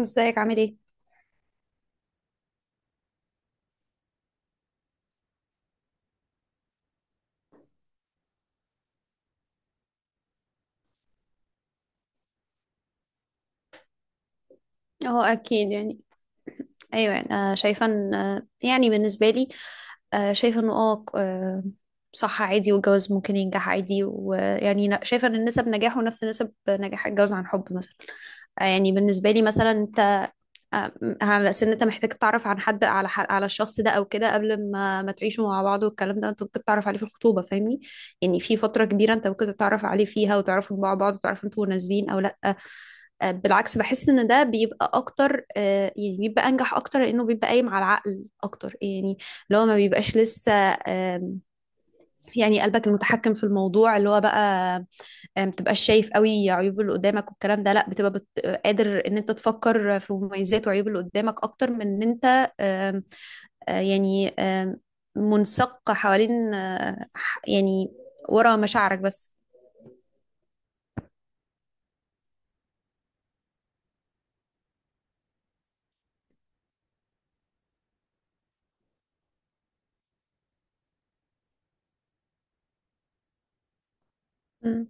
ازيك عامل ايه؟ اه اكيد يعني. ايوه، يعني انا شايفه ان يعني بالنسبه لي آه، شايفه انه اه آه، صح عادي، والجواز ممكن ينجح عادي. ويعني شايفه ان نسب نجاحه نفس نسب نجاح الجواز عن حب مثلا. يعني بالنسبه لي مثلا انت. آه، على اساس ان انت محتاج تعرف عن حد على الشخص ده او كده، قبل ما تعيشوا مع بعض، والكلام ده انت ممكن تعرف عليه في الخطوبه، فاهمني؟ يعني في فتره كبيره انت ممكن تتعرف عليه فيها وتعرفوا مع بعض، وتعرفوا انتوا مناسبين او لا. بالعكس بحس ان ده بيبقى اكتر، يعني بيبقى انجح اكتر، لانه بيبقى قايم على العقل اكتر يعني. اللي هو ما بيبقاش لسه آم، يعني قلبك المتحكم في الموضوع اللي هو بقى. ما بتبقاش شايف قوي عيوب اللي قدامك والكلام ده، لا بتبقى بت... آه، قادر ان انت تفكر في مميزات وعيوب اللي قدامك اكتر من ان انت آم، آه، يعني آم، منسق حوالين، يعني ورا مشاعرك بس. مم.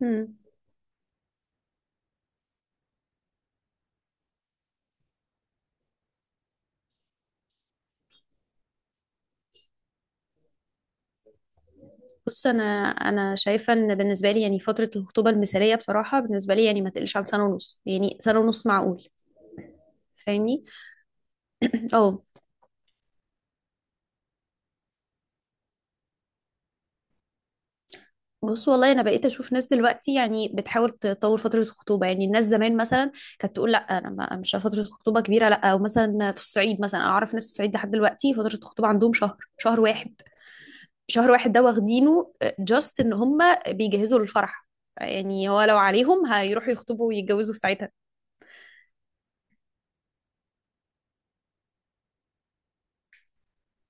مم. بص انا شايفه ان بالنسبه لي، يعني فتره الخطوبه المثاليه بصراحه بالنسبه لي، يعني ما تقلش عن سنه ونص. يعني سنه ونص معقول، فاهمني؟ اه، بص والله انا بقيت اشوف ناس دلوقتي يعني بتحاول تطور فتره الخطوبه. يعني الناس زمان مثلا كانت تقول لا، انا ما مش فتره خطوبه كبيره لا. او مثلا في الصعيد، مثلا أنا اعرف ناس في الصعيد لحد دلوقتي فتره الخطوبه عندهم شهر، شهر واحد. شهر واحد ده واخدينه جاست ان هم بيجهزوا للفرح. يعني هو لو عليهم هيروحوا يخطبوا ويتجوزوا في ساعتها.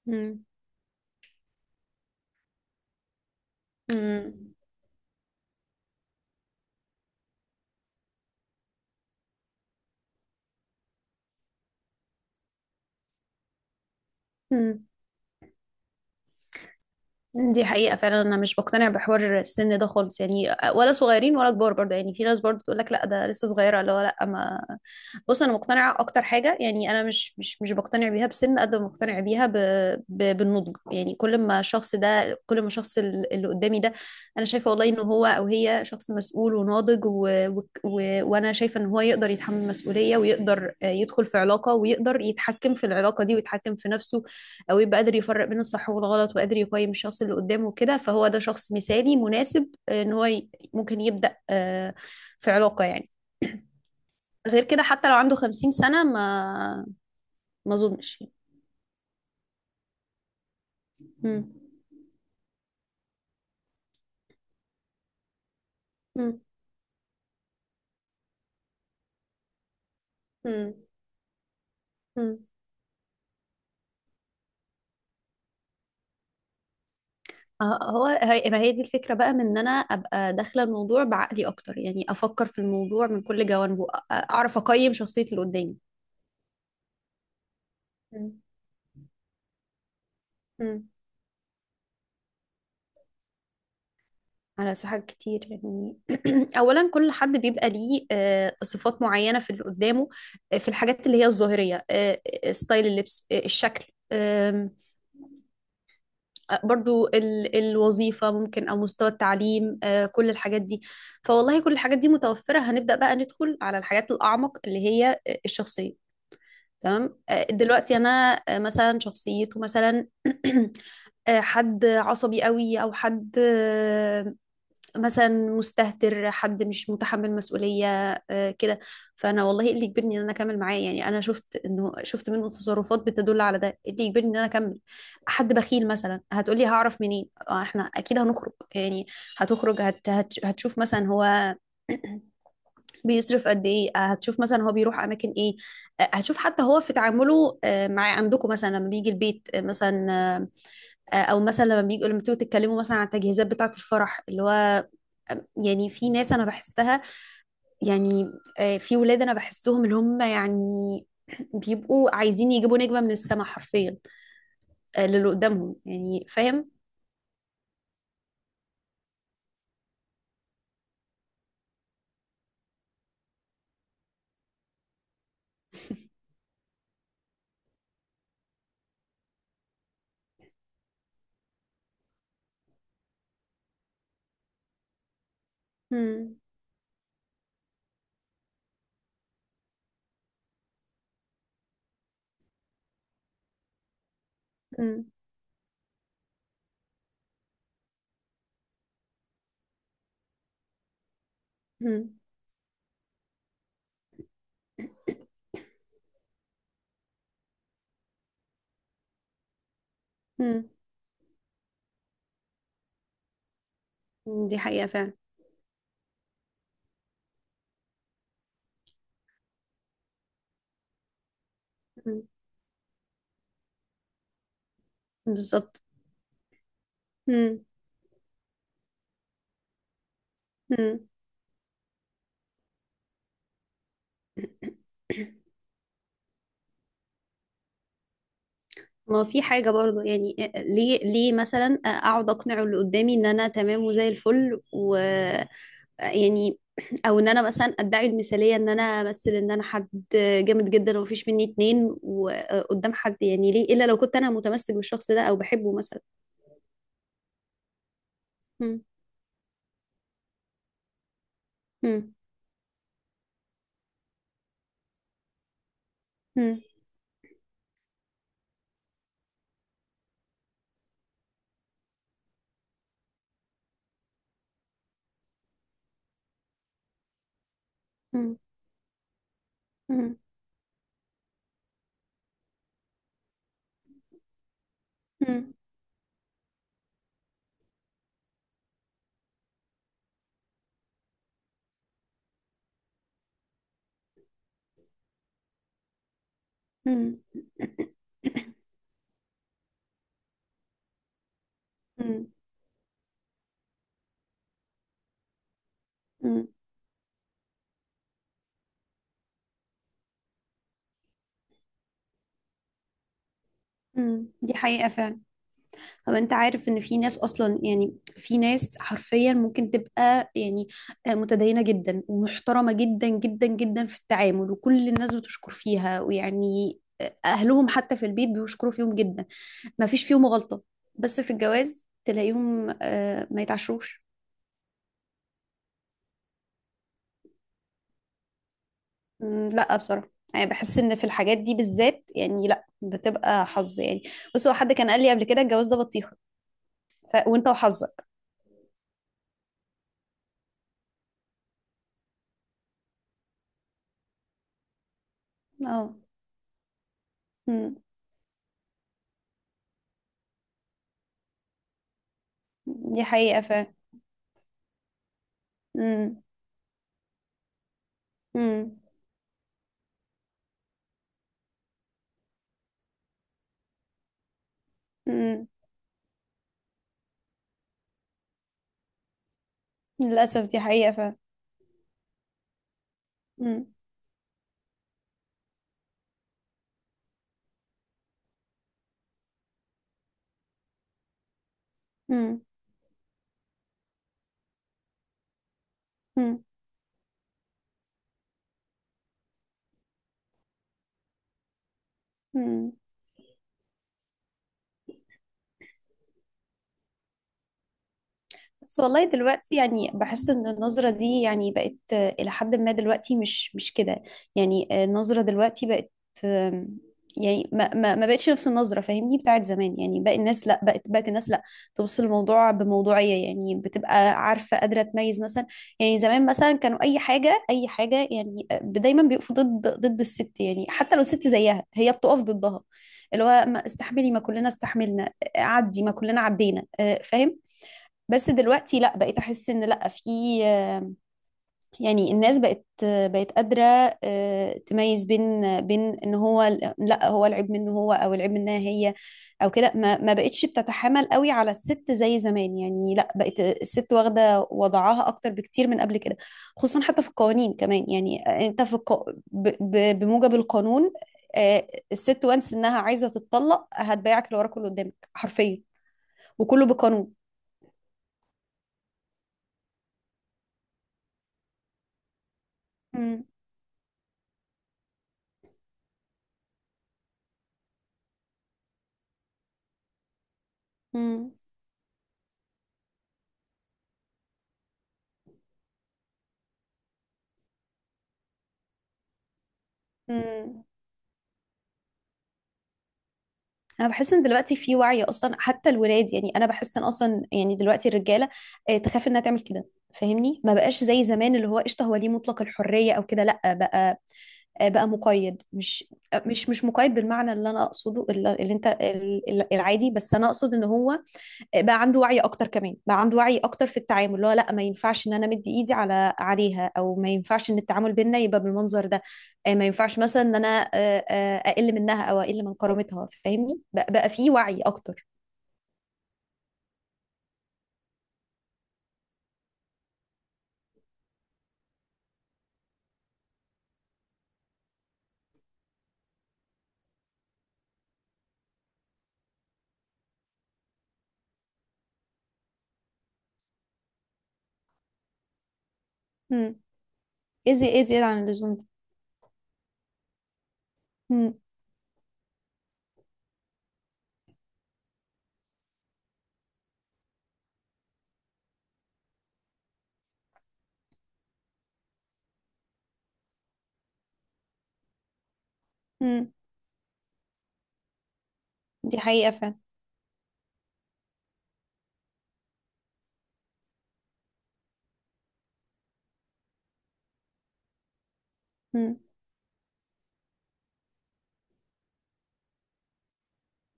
مم. مم. دي حقيقة فعلا، أنا مش بقتنع بحوار السن ده خالص، يعني ولا صغيرين ولا كبار. برضه يعني في ناس برضه تقول لك لا ده لسه صغيرة، اللي هو لا ما. بص أنا مقتنعة، أكتر حاجة يعني أنا مش بقتنع بيها بسن قد ما مقتنع بيها بالنضج. يعني كل ما الشخص ده، كل ما الشخص ال- اللي قدامي ده أنا شايفة والله إن هو أو هي شخص مسؤول وناضج وأنا شايفة إن هو يقدر يتحمل مسؤولية، ويقدر يدخل في علاقة، ويقدر يتحكم في العلاقة دي ويتحكم في نفسه، او يبقى قادر يفرق بين الصح والغلط، وقادر يقيم الشخص اللي قدامه كده. فهو ده شخص مثالي مناسب ان هو ممكن يبدأ في علاقة يعني. غير كده، حتى لو عنده خمسين سنة ما ما اظنش يعني. مم. مم. مم. مم. آه، هو هي ما هي دي الفكرة بقى، من ان انا ابقى داخلة الموضوع بعقلي اكتر. يعني افكر في الموضوع من كل جوانبه، اعرف اقيم شخصية اللي قدامي. مم. مم. على ساحات كتير يعني. اولا كل حد بيبقى ليه صفات معينه في اللي قدامه، في الحاجات اللي هي الظاهريه، ستايل اللبس، الشكل، آم، آه، برضو الوظيفه ممكن، او مستوى التعليم. كل الحاجات دي، فوالله كل الحاجات دي متوفره، هنبدا بقى ندخل على الحاجات الاعمق اللي هي الشخصيه. تمام، دلوقتي انا مثلا شخصيته مثلا. حد عصبي قوي، او حد آه، مثلا مستهتر، حد مش متحمل مسؤولية كده. فأنا والله إيه اللي يجبرني إن أنا أكمل معاه؟ يعني أنا شفت إنه، شفت منه تصرفات بتدل على ده، إيه اللي يجبرني إن أنا أكمل؟ حد بخيل مثلا، هتقولي هعرف منين؟ إحنا أكيد هنخرج يعني، هتخرج هت هت هتشوف مثلا هو بيصرف قد ايه. هتشوف مثلا هو بيروح اماكن ايه. هتشوف حتى هو في تعامله مع عندكم مثلا لما بيجي البيت آه، مثلا آه، او مثلا لما بتيجوا تتكلموا مثلا عن التجهيزات بتاعه الفرح اللي هو. يعني في ناس انا بحسها يعني، في ولاد انا بحسهم اللي هم يعني بيبقوا عايزين يجيبوا نجمة من السماء حرفيا للي قدامهم، يعني فاهم. مم. مم. مم. مم. دي حقيقة فعلا. مم. بالظبط. مم. مم. ما هو في حاجة برضه، يعني ليه مثلا أقعد أقنع اللي قدامي إن أنا تمام وزي الفل، و يعني او ان انا مثلا ادعي المثاليه، ان انا امثل ان انا حد جامد جدا ومفيش مني اتنين وقدام حد، يعني ليه الا لو كنت انا متمسك بالشخص ده او بحبه مثلا. مم. مم. مم. مم. مم. مم. مم. مم. مم. دي حقيقه فعلا. طب انت عارف ان في ناس اصلا، يعني في ناس حرفيا ممكن تبقى يعني متدينة جدا ومحترمة جدا جدا جدا في التعامل، وكل الناس بتشكر فيها ويعني اهلهم حتى في البيت بيشكروا فيهم جدا، ما فيش فيهم غلطة، بس في الجواز تلاقيهم ما يتعشروش. مم، لا بصراحة يعني بحس ان في الحاجات دي بالذات يعني لا، بتبقى حظ يعني. بس هو حد كان قال لي قبل كده الجواز ده بطيخة، وانت وحظك. اه. مم. دي حقيقة ف. مم. مم. مم. للأسف دي حقيقة فعلا. مم. مم. مم. مم. بس والله دلوقتي يعني بحس ان النظرة دي يعني بقت الى حد ما دلوقتي مش مش كده. يعني النظرة دلوقتي بقت آم، يعني ما بقتش نفس النظرة، فاهمني، بتاعت زمان. يعني باقي الناس لا، بقت الناس لا تبص للموضوع بموضوعية. يعني بتبقى عارفة قادرة تميز مثلا. يعني زمان مثلا كانوا اي حاجة اي حاجة، يعني دايما بيقفوا ضد ضد الست، يعني حتى لو ست زيها هي بتقف ضدها، اللي هو ما استحملي، ما كلنا استحملنا، عدي ما كلنا عدينا، فاهم. بس دلوقتي لا، بقيت احس ان لا، في يعني الناس بقت قادره تميز بين بين ان هو لا هو العيب منه هو، او العيب منها هي او كده. ما ما بقتش بتتحامل قوي على الست زي زمان. يعني لا، بقت الست واخده وضعها اكتر بكتير من قبل كده. خصوصا حتى في القوانين كمان يعني، انت في الق... ب... ب... بموجب القانون الست وانس انها عايزه تتطلق هتبيعك اللي وراك واللي قدامك حرفيا، وكله بقانون. مم. مم. مم. انا بحس ان دلوقتي في وعي اصلا، حتى الولاد. يعني انا بحس ان اصلا يعني دلوقتي الرجاله تخاف انها تعمل كده، فاهمني. ما بقاش زي زمان اللي هو قشطه هو ليه مطلق الحريه او كده. لا بقى بقى مقيد، مش مش مقيد بالمعنى اللي انا اقصده، اللي اللي انت ال- ال- العادي، بس انا اقصد ان هو بقى عنده وعي اكتر. كمان بقى عنده وعي اكتر في التعامل، اللي هو لا ما ينفعش ان انا مدي ايدي على عليها، او ما ينفعش ان التعامل بينا يبقى بالمنظر ده. ما ينفعش مثلا ان انا اقل منها او اقل من كرامتها، فاهمني؟ بقى, بقى في وعي اكتر. امم ايه إيه زيادة عن اللزوم ده؟ امم امم دي حقيقة فعلا. امم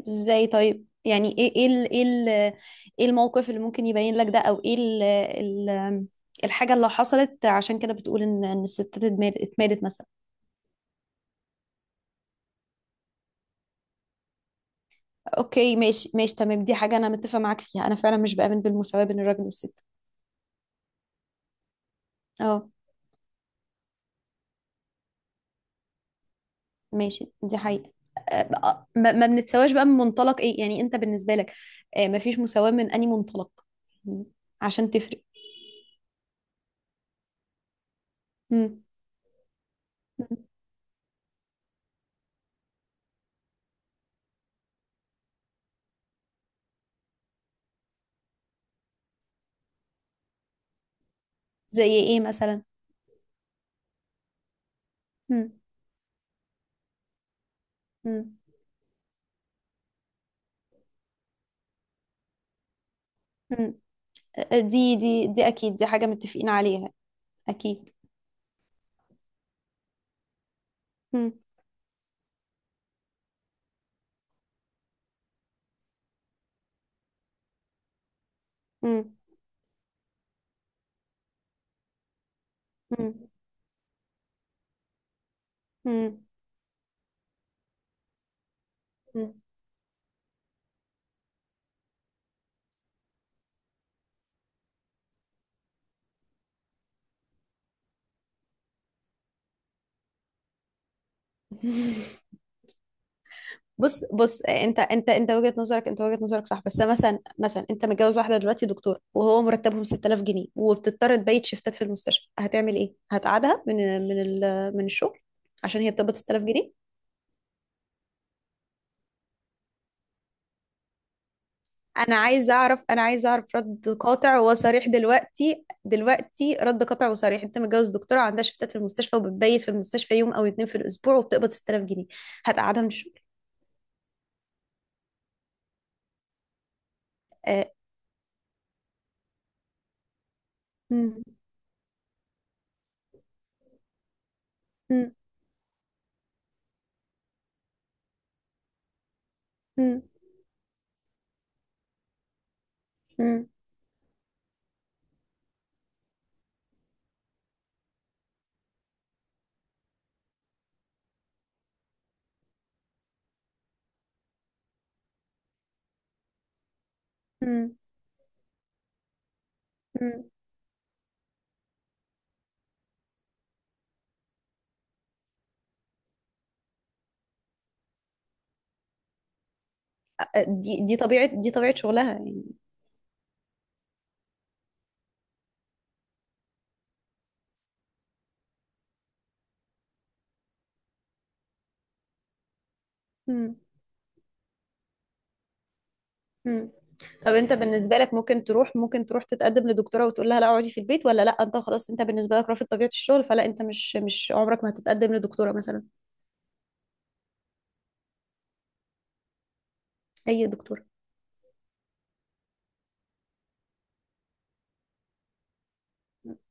ازاي طيب؟ يعني ايه الموقف اللي ممكن يبين لك ده، او ايه ال ال الحاجة اللي حصلت عشان كده بتقول ان الستات اتمادت مثلا؟ اوكي، ماشي ماشي، تمام، دي حاجة انا متفق معاك فيها، انا فعلا مش بآمن بالمساواة بين الراجل والست. اه، ماشي، دي حقيقة. آه، أه، ما ما بنتساواش بقى من منطلق ايه يعني انت بالنسبة لك؟ ما فيش مساواة من اني منطلق يعني، عشان تفرق. مم. مم. زي ايه مثلا؟ مم. مم. مم. دي اكيد دي حاجة متفقين عليها. اكيد. مم. مم. مم. مم. مم. بص، انت وجهة نظرك، وجهة نظرك صح. بس مثلا، مثلا انت متجوز واحدة دلوقتي دكتورة وهو مرتبهم 6000 جنيه وبتضطر تبيت شيفتات في المستشفى، هتعمل ايه؟ هتقعدها من من الشغل عشان هي بتقبض 6000 جنيه؟ انا عايز اعرف، انا عايز رد قاطع وصريح، دلوقتي دلوقتي رد قاطع وصريح: انت متجوز دكتورة عندها شيفتات في المستشفى وبتبيت في المستشفى يوم او اتنين في الاسبوع وبتقبض 6000 جنيه، هتقعدها من الشغل؟ آه. مم. مم. مم. مم. مم. دي طبيعة، دي طبيعة شغلها يعني. مم. مم. طب انت بالنسبة لك ممكن تروح تتقدم لدكتورة وتقول لها لا اقعدي في البيت، ولا لا انت خلاص انت بالنسبة لك رافض طبيعة الشغل، فلا انت مش مش عمرك ما هتتقدم لدكتورة مثلا؟ اي دكتورة.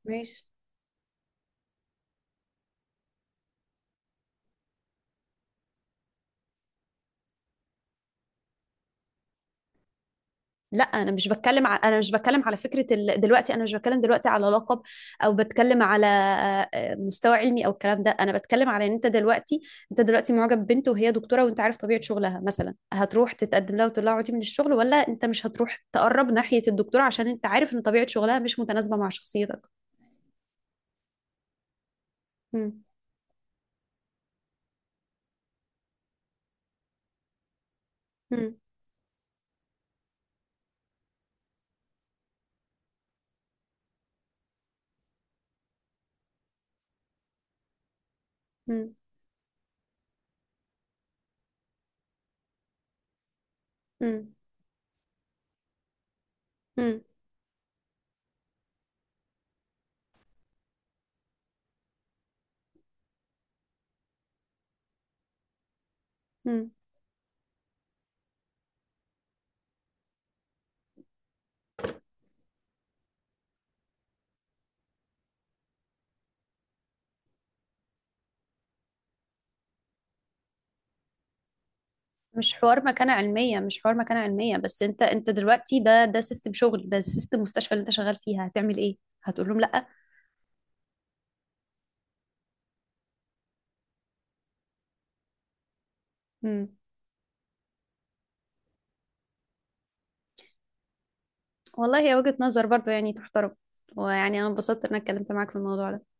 ماشي. لا انا مش بتكلم على دلوقتي انا مش بتكلم دلوقتي على لقب، او بتكلم على مستوى علمي او الكلام ده. انا بتكلم على ان انت دلوقتي، معجب ببنت وهي دكتوره وانت عارف طبيعه شغلها مثلا، هتروح تتقدم لها وتقول لها اقعدي من الشغل، ولا انت مش هتروح تقرب ناحيه الدكتوره عشان انت عارف ان طبيعه شغلها مش متناسبه مع شخصيتك؟ مم. مم. مم. مم. مم. مم. مش حوار مكانة علمية، مش حوار مكانة علمية. بس انت انت دلوقتي، ده ده سيستم شغل، ده سيستم مستشفى اللي انت شغال فيها، هتعمل ايه؟ هتقول لهم لا؟ مم. والله هي وجهة نظر برضو يعني، تحترم. ويعني انا انبسطت ان انا اتكلمت معاك في الموضوع ده.